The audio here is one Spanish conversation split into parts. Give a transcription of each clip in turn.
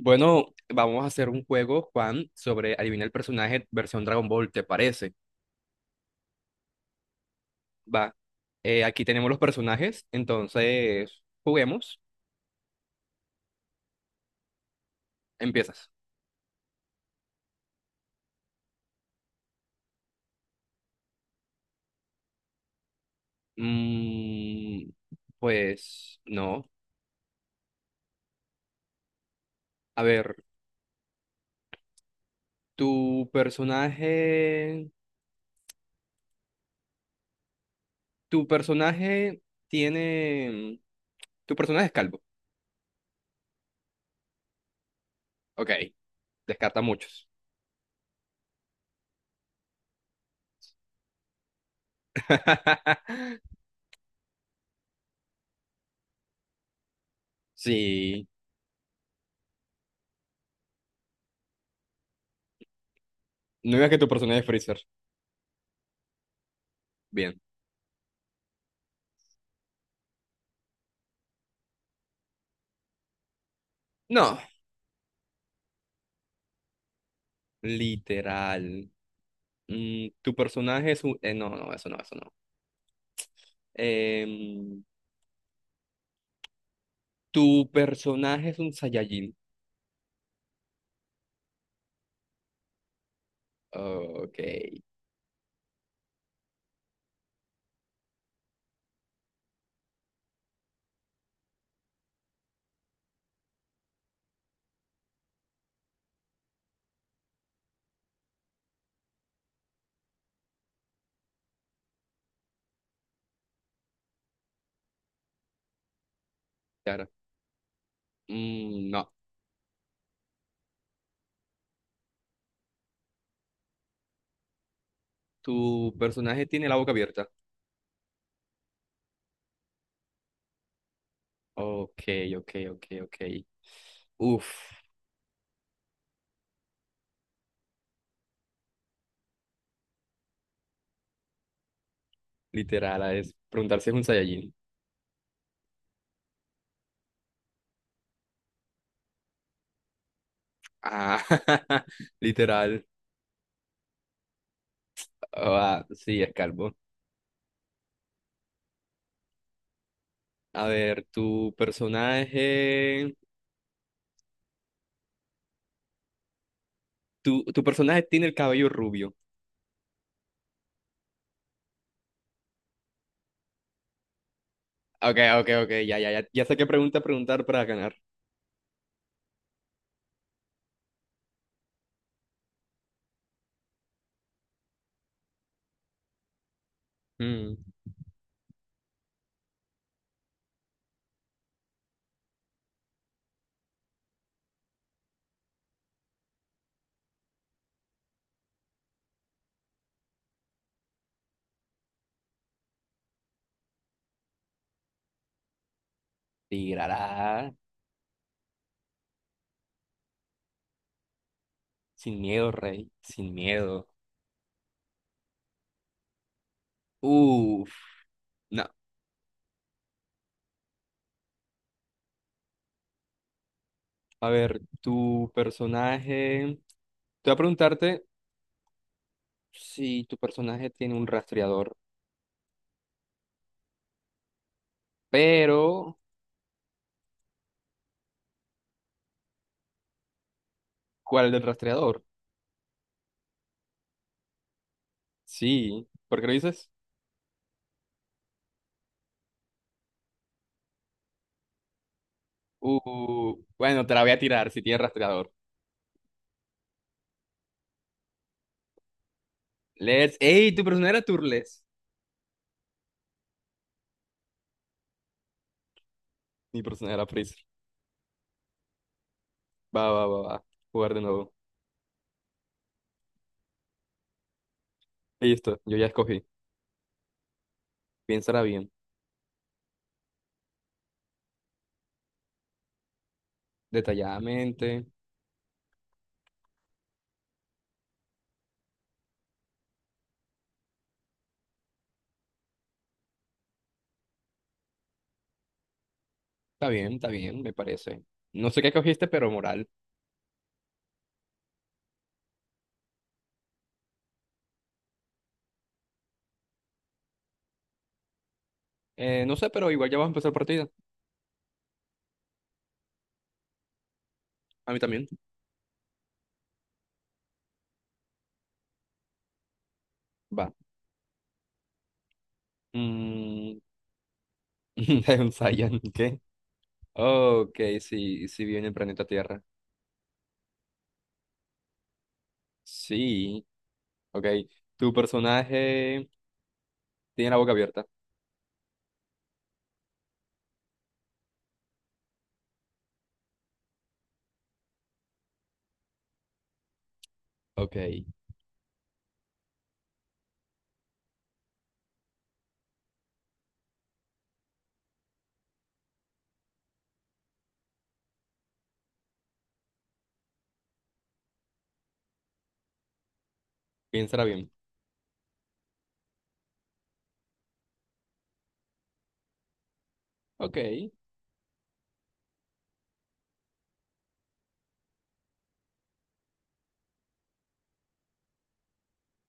Bueno, vamos a hacer un juego, Juan, sobre adivina el personaje versión Dragon Ball, ¿te parece? Va. Aquí tenemos los personajes, entonces juguemos. Empiezas. Mm, pues no. A ver, tu personaje, tu personaje tiene, tu personaje es calvo. Ok, descarta muchos. Sí, no digas que tu personaje es Freezer. Bien. No, literal. Mm, tu personaje es un... eso no, eso no. Em, tu personaje es un Saiyajin. Ok, claro. Mm, no, tu personaje tiene la boca abierta. Ok, ok, ok, ok. Uf, literal, es preguntar si es un Saiyajin. Ah, literal. Ah, sí, es calvo. A ver, tu personaje... Tu personaje tiene el cabello rubio. Ok, ok, ok, ya, ya, ya, ya sé qué pregunta preguntar para ganar. Mm. Tirará sin miedo, rey, sin miedo. Uf, no. A ver, tu personaje. Te voy a preguntarte si tu personaje tiene un rastreador, pero ¿cuál es el rastreador? Sí, ¿por qué lo dices? Bueno, te la voy a tirar si tiene rastreador. Let's. ¡Ey! Tu personaje era Turles. Mi personaje era Freezer. Va, va, va, va. Jugar de nuevo. Listo, yo ya escogí. Piénsala bien, detalladamente. Está bien, me parece. No sé qué cogiste, pero moral. No sé, pero igual ya vas a empezar partida. A mí también. Va. Mm, ensayan, ¿qué? Ok, sí, sí viene el planeta Tierra. Sí, ok. Tu personaje tiene la boca abierta. Ok, piénsala bien. Ok,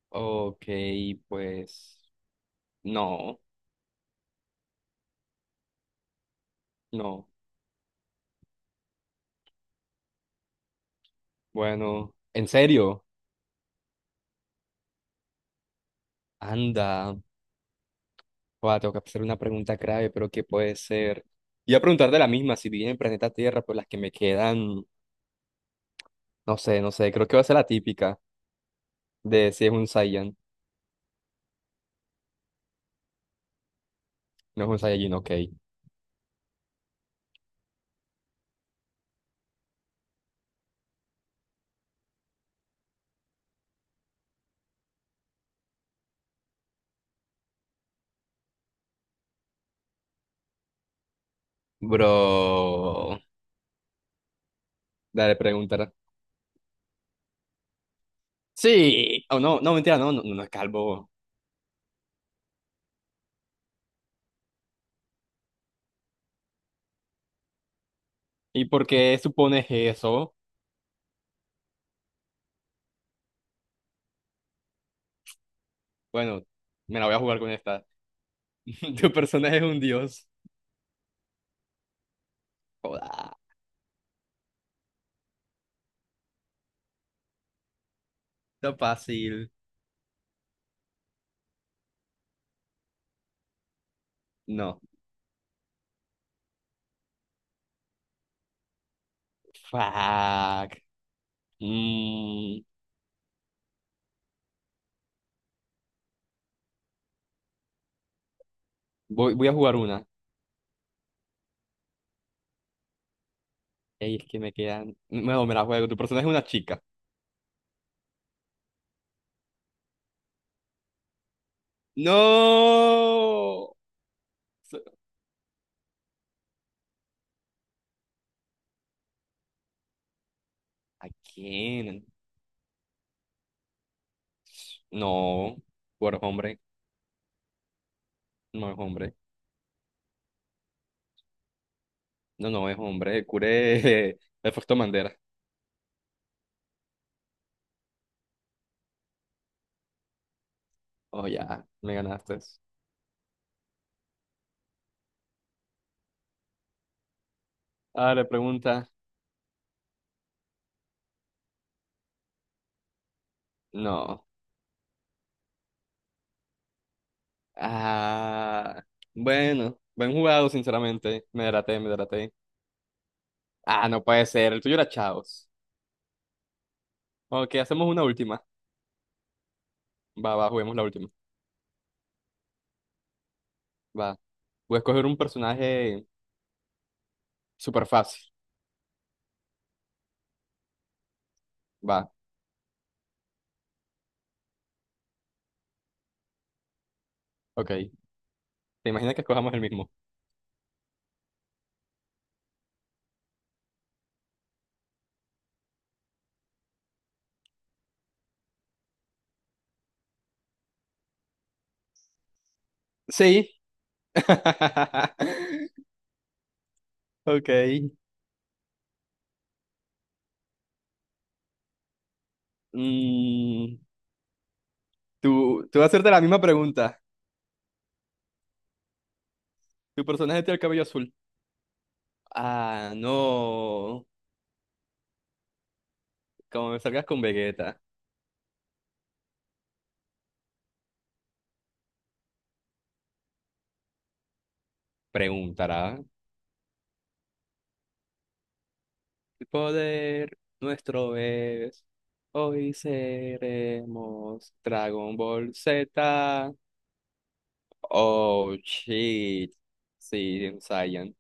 ok, pues... No, no. Bueno, ¿en serio? Anda. Guau, tengo que hacer una pregunta grave, ¿pero que puede ser? Iba a preguntar de la misma, si viví en el planeta Tierra, pues las que me quedan, no sé, no sé, creo que va a ser la típica de si es un Saiyan, no es un Saiyajin, ok. Bro, dale, preguntar. Sí, o no, mentira, no no es calvo. ¿Y por qué supones eso? Bueno, me la voy a jugar con esta. Tu personaje es un dios. Joda, está fácil. No. Fuck. Mm, voy a jugar una. Ey, es que me quedan. Bueno, me la juego. Tu personaje es una chica. ¡No! So- ¿A quién? No. Bueno, es hombre. No es hombre. No, no es hombre. El curé. El Fausto Mandera. Oh, ya. Me ganaste. Ah, le pregunta. No. Ah. Bueno. Buen jugado, sinceramente. Me delaté, me delaté. Ah, no puede ser. El tuyo era Chaos. Ok, hacemos una última. Va, va, juguemos la última. Va. Voy a escoger un personaje súper fácil. Va. Ok. ¿Te imaginas que escojamos el mismo? Sí. Ok. Mm, tú vas a hacerte la misma pregunta. ¿Tu personaje tiene el cabello azul? Ah, no. Como me salgas con Vegeta, preguntará. El poder nuestro es. Hoy seremos Dragon Ball Z. Oh, shit. Sí, un Saiyan.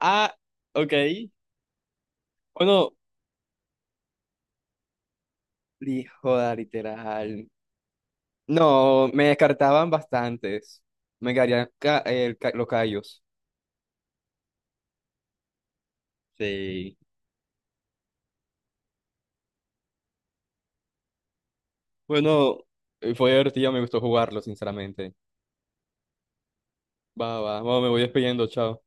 Ah, ok. Bueno, hijo de literal. No, me descartaban bastantes. Me caerían ca- el ca- los callos. Sí. Bueno, fue divertido, me gustó jugarlo, sinceramente. Va, va, bueno, me voy despidiendo, chao.